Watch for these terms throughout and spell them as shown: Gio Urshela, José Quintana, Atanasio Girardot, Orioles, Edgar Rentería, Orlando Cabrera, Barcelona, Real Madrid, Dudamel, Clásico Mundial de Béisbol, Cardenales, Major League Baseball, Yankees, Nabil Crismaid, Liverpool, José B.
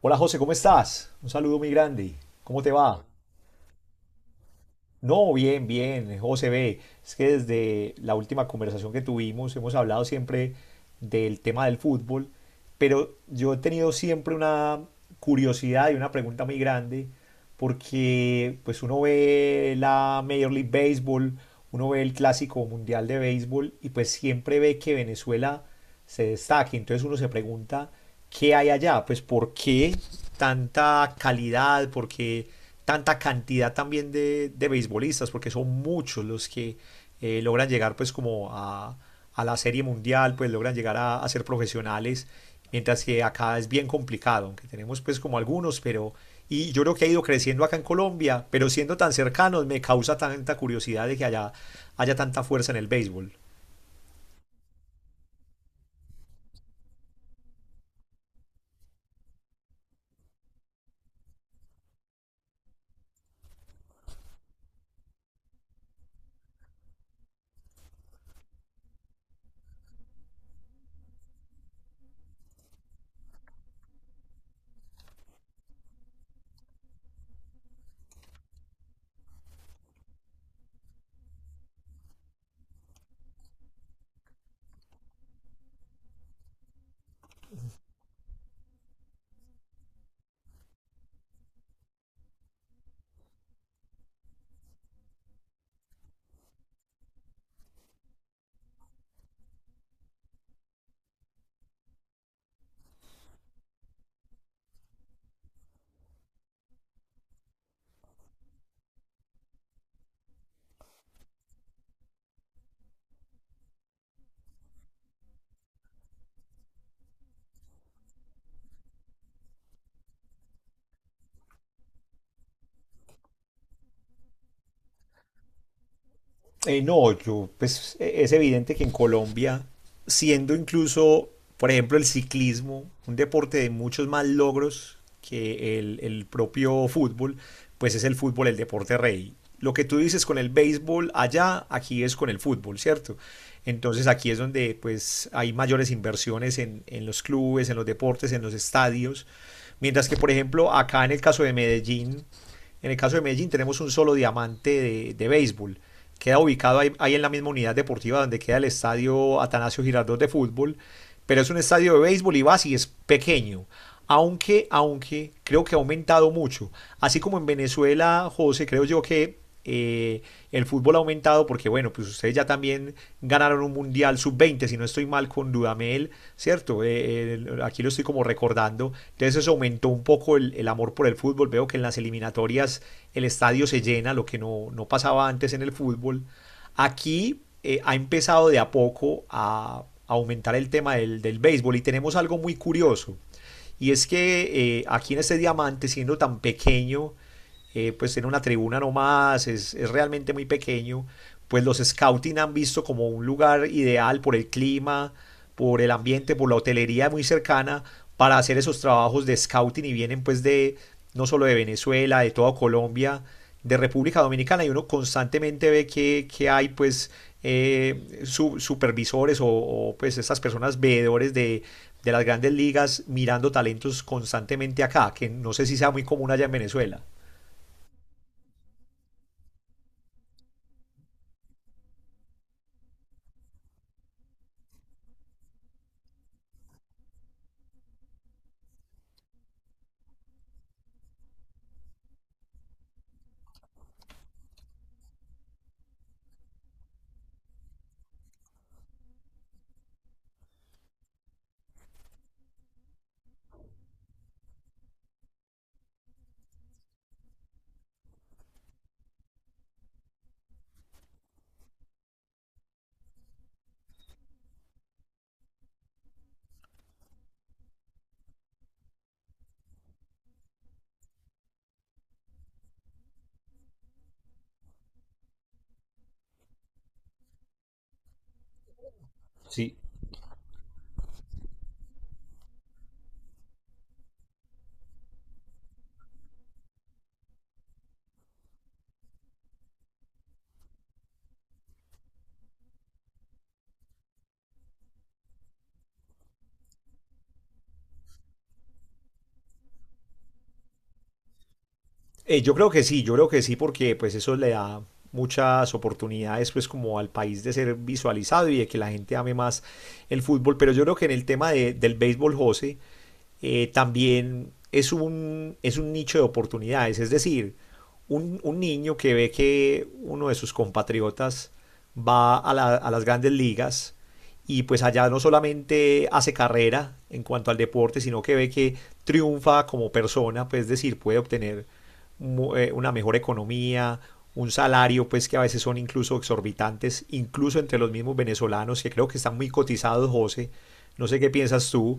Hola José, ¿cómo estás? Un saludo muy grande. ¿Cómo te va? No, bien, bien, José B. Es que desde la última conversación que tuvimos hemos hablado siempre del tema del fútbol, pero yo he tenido siempre una curiosidad y una pregunta muy grande porque pues uno ve la Major League Baseball, uno ve el Clásico Mundial de Béisbol y pues siempre ve que Venezuela se destaque. Entonces uno se pregunta, ¿qué hay allá? Pues ¿por qué tanta calidad? ¿Por qué tanta cantidad también de beisbolistas? Porque son muchos los que logran llegar pues como a la serie mundial, pues logran llegar a ser profesionales, mientras que acá es bien complicado, aunque tenemos pues como algunos, pero y yo creo que ha ido creciendo acá en Colombia, pero siendo tan cercanos me causa tanta curiosidad de que haya, haya tanta fuerza en el béisbol. No, yo, pues es evidente que en Colombia, siendo incluso, por ejemplo, el ciclismo, un deporte de muchos más logros que el propio fútbol, pues es el fútbol el deporte rey. Lo que tú dices con el béisbol allá, aquí es con el fútbol, ¿cierto? Entonces aquí es donde pues hay mayores inversiones en los clubes, en los deportes, en los estadios. Mientras que, por ejemplo, acá en el caso de Medellín, en el caso de Medellín tenemos un solo diamante de béisbol. Queda ubicado ahí, ahí en la misma unidad deportiva donde queda el estadio Atanasio Girardot de fútbol. Pero es un estadio de béisbol y vas y es pequeño aunque, aunque creo que ha aumentado mucho. Así como en Venezuela, José, creo yo que el fútbol ha aumentado porque, bueno, pues ustedes ya también ganaron un Mundial sub-20 si no estoy mal con Dudamel, ¿cierto? Aquí lo estoy como recordando. Entonces eso aumentó un poco amor por el fútbol. Veo que en las eliminatorias el estadio se llena, lo que no, no pasaba antes en el fútbol. Aquí ha empezado de a poco a aumentar el tema del béisbol y tenemos algo muy curioso. Y es que aquí en este diamante, siendo tan pequeño, pues tiene una tribuna nomás, es realmente muy pequeño, pues los scouting han visto como un lugar ideal por el clima, por el ambiente, por la hotelería muy cercana para hacer esos trabajos de scouting y vienen pues de no solo de Venezuela, de toda Colombia, de República Dominicana y uno constantemente ve que hay pues supervisores o pues estas personas veedores de las grandes ligas mirando talentos constantemente acá, que no sé si sea muy común allá en Venezuela. Sí. Yo creo que sí, yo creo que sí, porque pues eso le da muchas oportunidades pues como al país de ser visualizado y de que la gente ame más el fútbol, pero yo creo que en el tema del béisbol, José, también es es un nicho de oportunidades. Es decir, un niño que ve que uno de sus compatriotas va a, a las grandes ligas y pues allá no solamente hace carrera en cuanto al deporte, sino que ve que triunfa como persona, pues es decir, puede obtener una mejor economía, un salario pues que a veces son incluso exorbitantes, incluso entre los mismos venezolanos que creo que están muy cotizados, José. No sé qué piensas tú,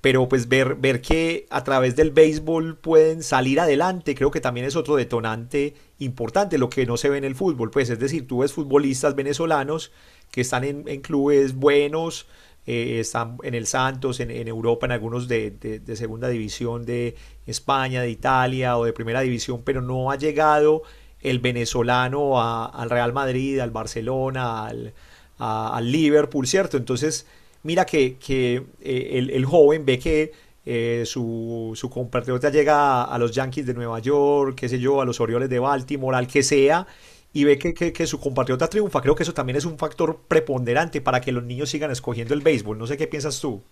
pero pues ver, ver que a través del béisbol pueden salir adelante, creo que también es otro detonante importante, lo que no se ve en el fútbol, pues es decir, tú ves futbolistas venezolanos que están en clubes buenos, están en el Santos, en Europa, en algunos de segunda división de España, de Italia o de primera división, pero no ha llegado el venezolano a, al Real Madrid, al Barcelona, a Liverpool, ¿cierto? Entonces, mira que el joven ve que su compatriota llega a los Yankees de Nueva York, qué sé yo, a los Orioles de Baltimore, al que sea, y ve que, que su compatriota triunfa. Creo que eso también es un factor preponderante para que los niños sigan escogiendo el béisbol. No sé qué piensas tú.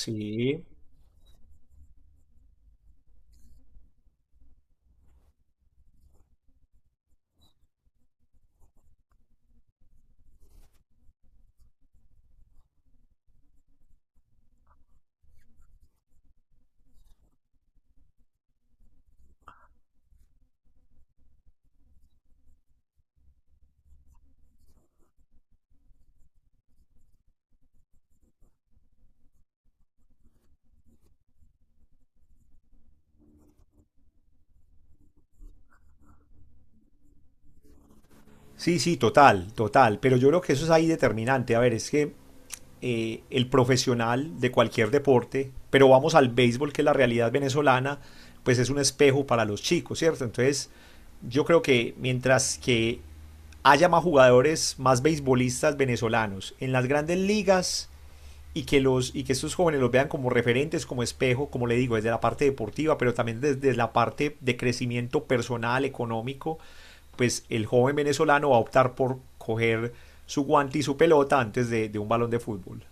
Sí. Sí, sí, total, total. Pero yo creo que eso es ahí determinante. A ver, es que el profesional de cualquier deporte, pero vamos al béisbol, que es la realidad venezolana, pues es un espejo para los chicos, ¿cierto? Entonces, yo creo que mientras que haya más jugadores, más beisbolistas venezolanos en las grandes ligas y que, los, y que estos jóvenes los vean como referentes, como espejo, como le digo, desde la parte deportiva, pero también desde la parte de crecimiento personal, económico, pues el joven venezolano va a optar por coger su guante y su pelota antes de un balón de fútbol.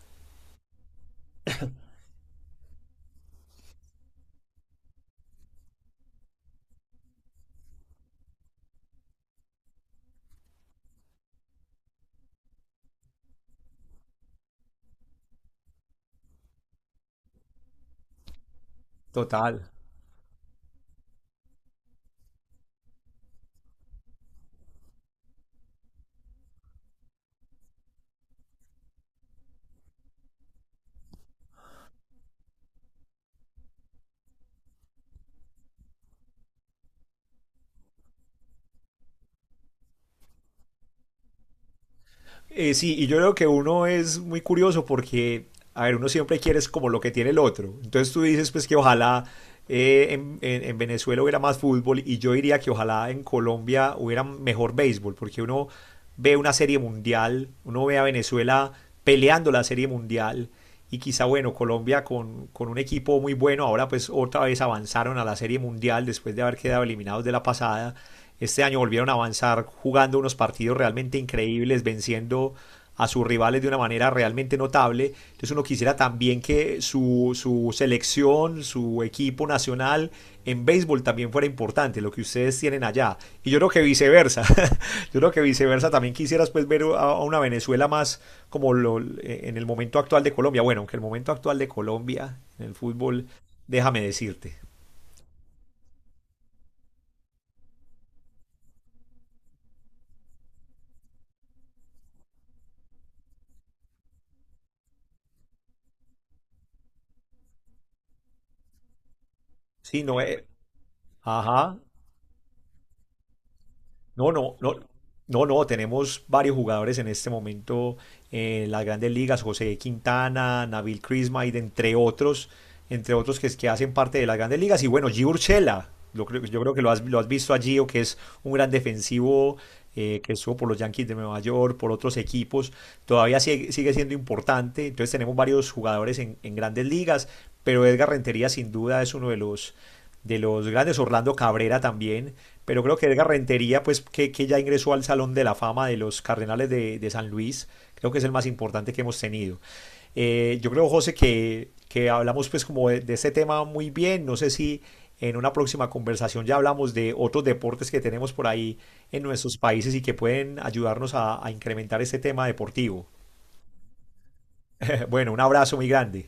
Total. Sí, y yo creo que uno es muy curioso porque, a ver, uno siempre quiere es como lo que tiene el otro. Entonces tú dices pues que ojalá en Venezuela hubiera más fútbol y yo diría que ojalá en Colombia hubiera mejor béisbol, porque uno ve una serie mundial, uno ve a Venezuela peleando la serie mundial y quizá bueno, Colombia con un equipo muy bueno, ahora pues otra vez avanzaron a la Serie Mundial después de haber quedado eliminados de la pasada, este año volvieron a avanzar jugando unos partidos realmente increíbles, venciendo a sus rivales de una manera realmente notable, entonces uno quisiera también que su selección, su equipo nacional en béisbol también fuera importante, lo que ustedes tienen allá, y yo creo que viceversa, Yo creo que viceversa también quisieras pues ver a una Venezuela más como lo, en el momento actual de Colombia. Bueno, aunque el momento actual de Colombia en el fútbol, déjame decirte. Sí, no es. Ajá. No, no, no, no, no, tenemos varios jugadores en este momento en las grandes ligas, José Quintana, Nabil Crismaid, entre otros que, que hacen parte de las grandes ligas. Y bueno, Gio Urshela, yo creo que lo has visto a Gio, que es un gran defensivo que estuvo por los Yankees de Nueva York, por otros equipos, todavía sigue, sigue siendo importante. Entonces tenemos varios jugadores en grandes ligas, pero Edgar Rentería sin duda es uno de los grandes, Orlando Cabrera también, pero creo que Edgar Rentería, pues que ya ingresó al Salón de la Fama de los Cardenales de San Luis, creo que es el más importante que hemos tenido. Yo creo, José, que hablamos pues como de este tema muy bien, no sé si en una próxima conversación ya hablamos de otros deportes que tenemos por ahí en nuestros países y que pueden ayudarnos a incrementar este tema deportivo. Bueno, un abrazo muy grande.